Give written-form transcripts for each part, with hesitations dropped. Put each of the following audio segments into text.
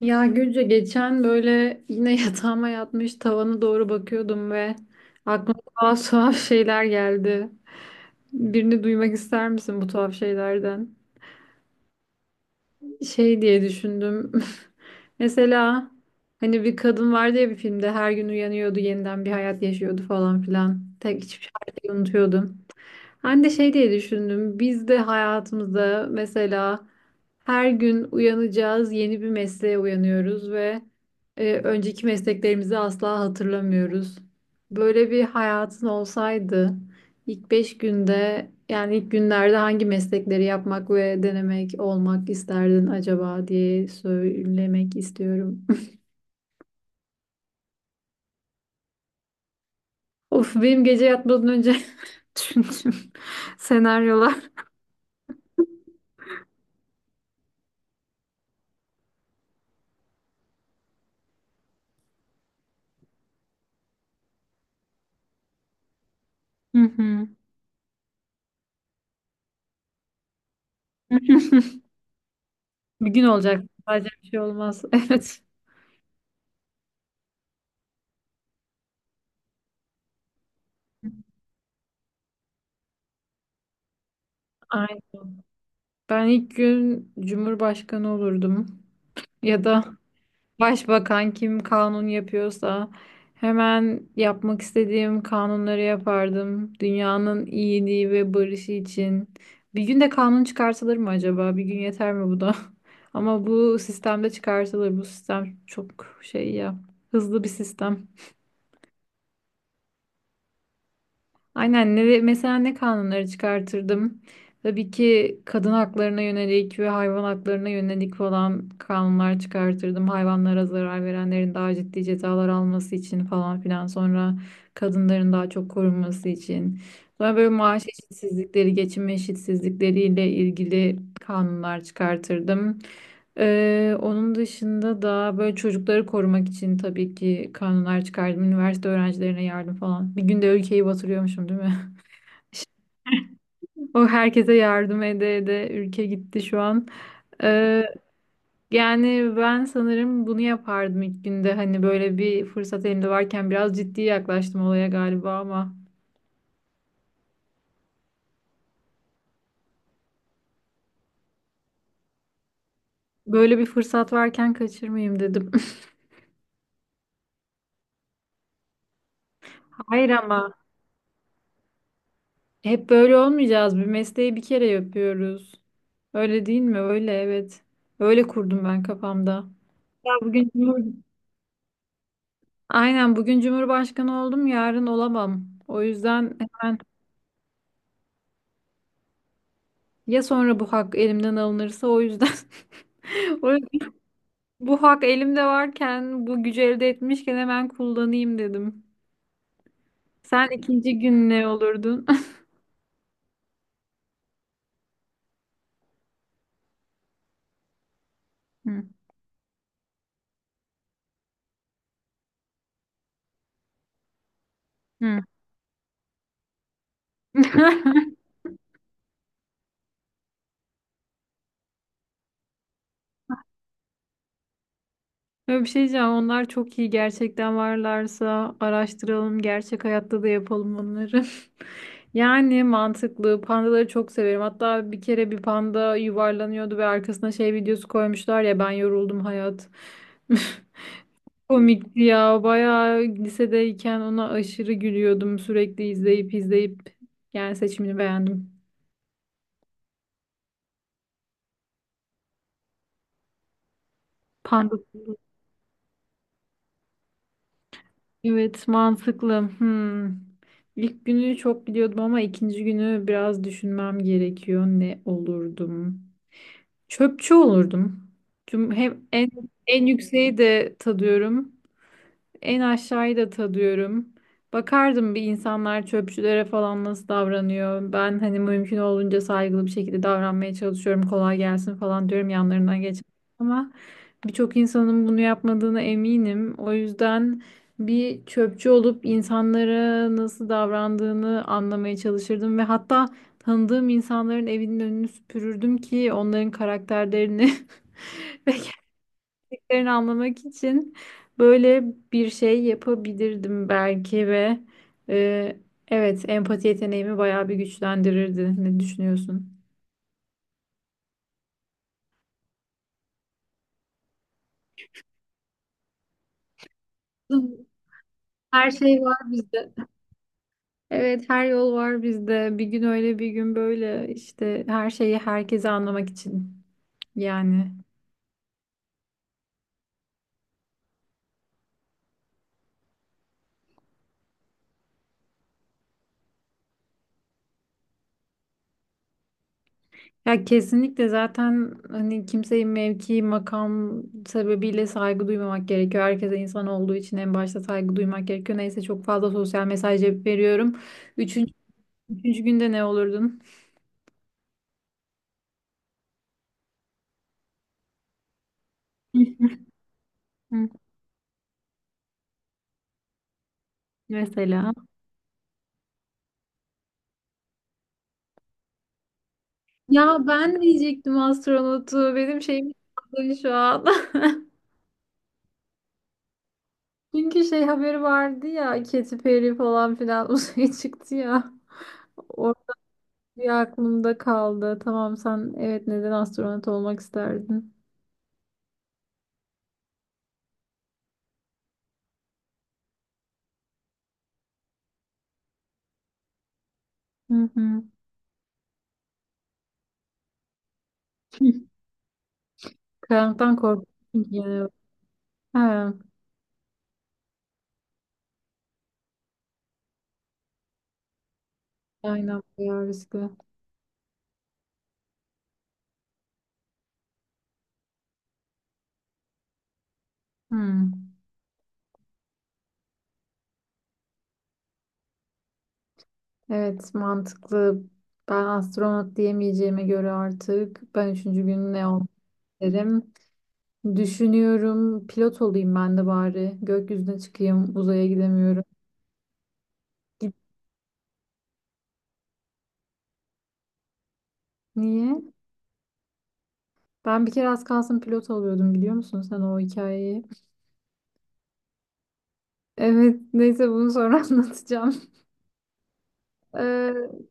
Ya Gülce geçen böyle yine yatağıma yatmış tavana doğru bakıyordum ve aklıma tuhaf tuhaf şeyler geldi. Birini duymak ister misin bu tuhaf şeylerden? Şey diye düşündüm. Mesela hani bir kadın vardı ya bir filmde her gün uyanıyordu yeniden bir hayat yaşıyordu falan filan. Tek hiçbir şey unutuyordu. Ben de şey diye düşündüm. Biz de hayatımızda mesela her gün uyanacağız, yeni bir mesleğe uyanıyoruz ve önceki mesleklerimizi asla hatırlamıyoruz. Böyle bir hayatın olsaydı ilk 5 günde yani ilk günlerde hangi meslekleri yapmak ve denemek olmak isterdin acaba diye söylemek istiyorum. Of benim gece yatmadan önce düşündüğüm senaryolar. Hı hı. Bir gün olacak. Sadece bir şey olmaz. Evet. Aynen. Ben ilk gün Cumhurbaşkanı olurdum. Ya da başbakan kim kanun yapıyorsa hemen yapmak istediğim kanunları yapardım. Dünyanın iyiliği ve barışı için. Bir gün de kanun çıkartılır mı acaba? Bir gün yeter mi bu da? Ama bu sistemde çıkartılır. Bu sistem çok şey ya. Hızlı bir sistem. Aynen ne, mesela ne kanunları çıkartırdım? Tabii ki kadın haklarına yönelik ve hayvan haklarına yönelik falan kanunlar çıkartırdım. Hayvanlara zarar verenlerin daha ciddi cezalar alması için falan filan. Sonra kadınların daha çok korunması için. Sonra böyle maaş eşitsizlikleri, geçim eşitsizlikleriyle ilgili kanunlar çıkartırdım. Onun dışında da böyle çocukları korumak için tabii ki kanunlar çıkardım. Üniversite öğrencilerine yardım falan. Bir günde ülkeyi batırıyormuşum değil mi? O herkese yardım ede ede ülke gitti şu an. Ee, yani ben sanırım bunu yapardım ilk günde. Hani böyle bir fırsat elimde varken biraz ciddi yaklaştım olaya galiba ama böyle bir fırsat varken kaçırmayayım dedim. Hayır ama. Hep böyle olmayacağız. Bir mesleği bir kere yapıyoruz. Öyle değil mi? Öyle evet. Öyle kurdum ben kafamda. Ya aynen bugün Cumhurbaşkanı oldum, yarın olamam. O yüzden hemen ya sonra bu hak elimden alınırsa o yüzden o yüzden bu hak elimde varken bu gücü elde etmişken hemen kullanayım dedim. Sen ikinci gün ne olurdun? Hı. Hı. Ya bir şey diyeceğim. Onlar çok iyi. Gerçekten varlarsa araştıralım. Gerçek hayatta da yapalım onları. Yani mantıklı. Pandaları çok severim. Hatta bir kere bir panda yuvarlanıyordu ve arkasına şey videosu koymuşlar ya ben yoruldum hayat. Komikti ya. Bayağı lisedeyken ona aşırı gülüyordum. Sürekli izleyip izleyip. Yani seçimini beğendim. Panda evet, mantıklı. Hmm. İlk günü çok biliyordum ama ikinci günü biraz düşünmem gerekiyor. Ne olurdum? Çöpçü olurdum. Tüm hem en yükseği de tadıyorum. En aşağıyı da tadıyorum. Bakardım bir insanlar çöpçülere falan nasıl davranıyor. Ben hani mümkün olduğunca saygılı bir şekilde davranmaya çalışıyorum. Kolay gelsin falan diyorum yanlarından geç. Ama birçok insanın bunu yapmadığına eminim. O yüzden bir çöpçü olup insanlara nasıl davrandığını anlamaya çalışırdım ve hatta tanıdığım insanların evinin önünü süpürürdüm ki onların karakterlerini ve yerini anlamak için böyle bir şey yapabilirdim belki ve e, evet empati yeteneğimi bayağı bir güçlendirirdi. Ne düşünüyorsun? Her şey var bizde. Evet, her yol var bizde. Bir gün öyle, bir gün böyle. İşte her şeyi herkese anlamak için. Yani. Ya kesinlikle zaten hani kimseyi mevki, makam sebebiyle saygı duymamak gerekiyor. Herkese insan olduğu için en başta saygı duymak gerekiyor. Neyse çok fazla sosyal mesaj yapıp veriyorum. Üçüncü, üçüncü günde ne olurdun? Mesela. Ya ben diyecektim astronotu. Benim şeyim patladı şu an. Çünkü şey haberi vardı ya Katy Perry falan filan uzaya çıktı ya. O bir aklımda kaldı. Tamam sen evet neden astronot olmak isterdin? Hı hı. Karanlıktan korkuyorum genel olarak. Ha, aynen bayağı riskli. Hmm. Evet mantıklı. Ben astronot diyemeyeceğime göre artık ben üçüncü gün ne olmak isterim. Düşünüyorum pilot olayım ben de bari. Gökyüzüne çıkayım uzaya gidemiyorum. Git- Niye? Ben bir kere az kalsın pilot oluyordum biliyor musun sen o hikayeyi? Evet neyse bunu sonra anlatacağım. Ee,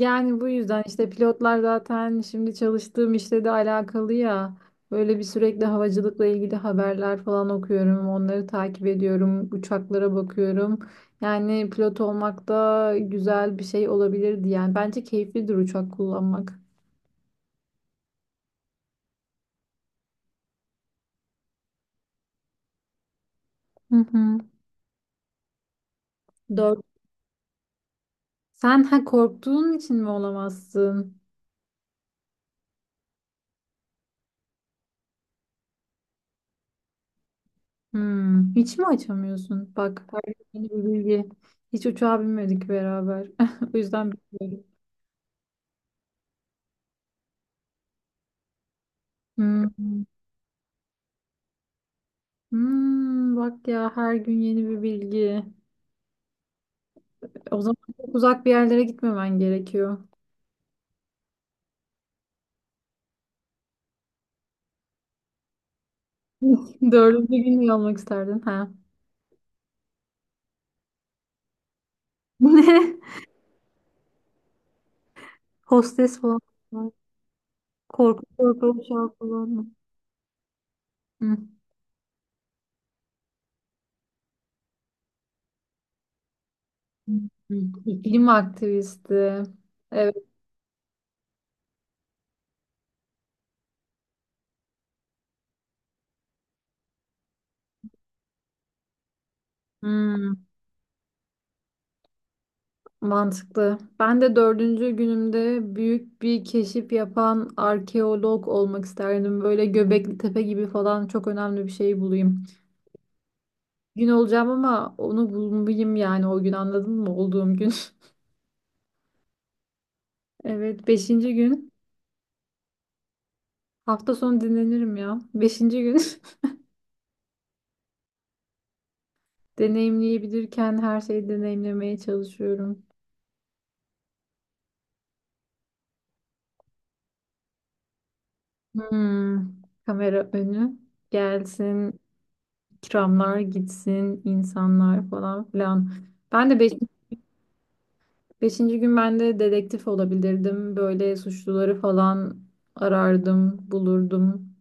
Yani bu yüzden işte pilotlar zaten şimdi çalıştığım işle de alakalı ya. Böyle bir sürekli havacılıkla ilgili haberler falan okuyorum. Onları takip ediyorum. Uçaklara bakıyorum. Yani pilot olmak da güzel bir şey olabilirdi yani. Bence keyiflidir uçak kullanmak. Hı hı. Dört. Sen ha korktuğun için mi olamazsın? Hmm. Hiç mi açamıyorsun? Bak, her gün yeni bir bilgi. Hiç uçağa binmedik beraber. O yüzden bilmiyorum. Hmm. Hmm, bak ya her gün yeni bir bilgi. O zaman çok uzak bir yerlere gitmemen gerekiyor. Dördüncü gün mü almak isterdin? Ha. Ne? Hostes falan var. Korku korku uçağı falan mı? Hı. Hı. İklim aktivisti. Evet. Hmm, mantıklı. Ben de dördüncü günümde büyük bir keşif yapan arkeolog olmak isterdim. Böyle Göbekli Tepe gibi falan çok önemli bir şey bulayım. Gün olacağım ama onu bulmalıyım yani o gün anladın mı olduğum gün. Evet beşinci gün hafta sonu dinlenirim ya. Beşinci gün deneyimleyebilirken her şeyi deneyimlemeye çalışıyorum. Hmm, kamera önü gelsin, ikramlar gitsin, insanlar falan filan. Ben de beşinci gün ben de dedektif olabilirdim. Böyle suçluları falan arardım, bulurdum.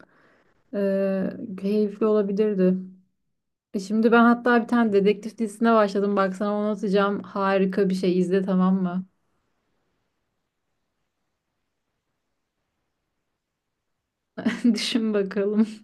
Ee, keyifli olabilirdi. Şimdi ben hatta bir tane dedektif dizisine başladım. Bak sana onu atacağım. Harika bir şey. İzle tamam mı? Düşün bakalım.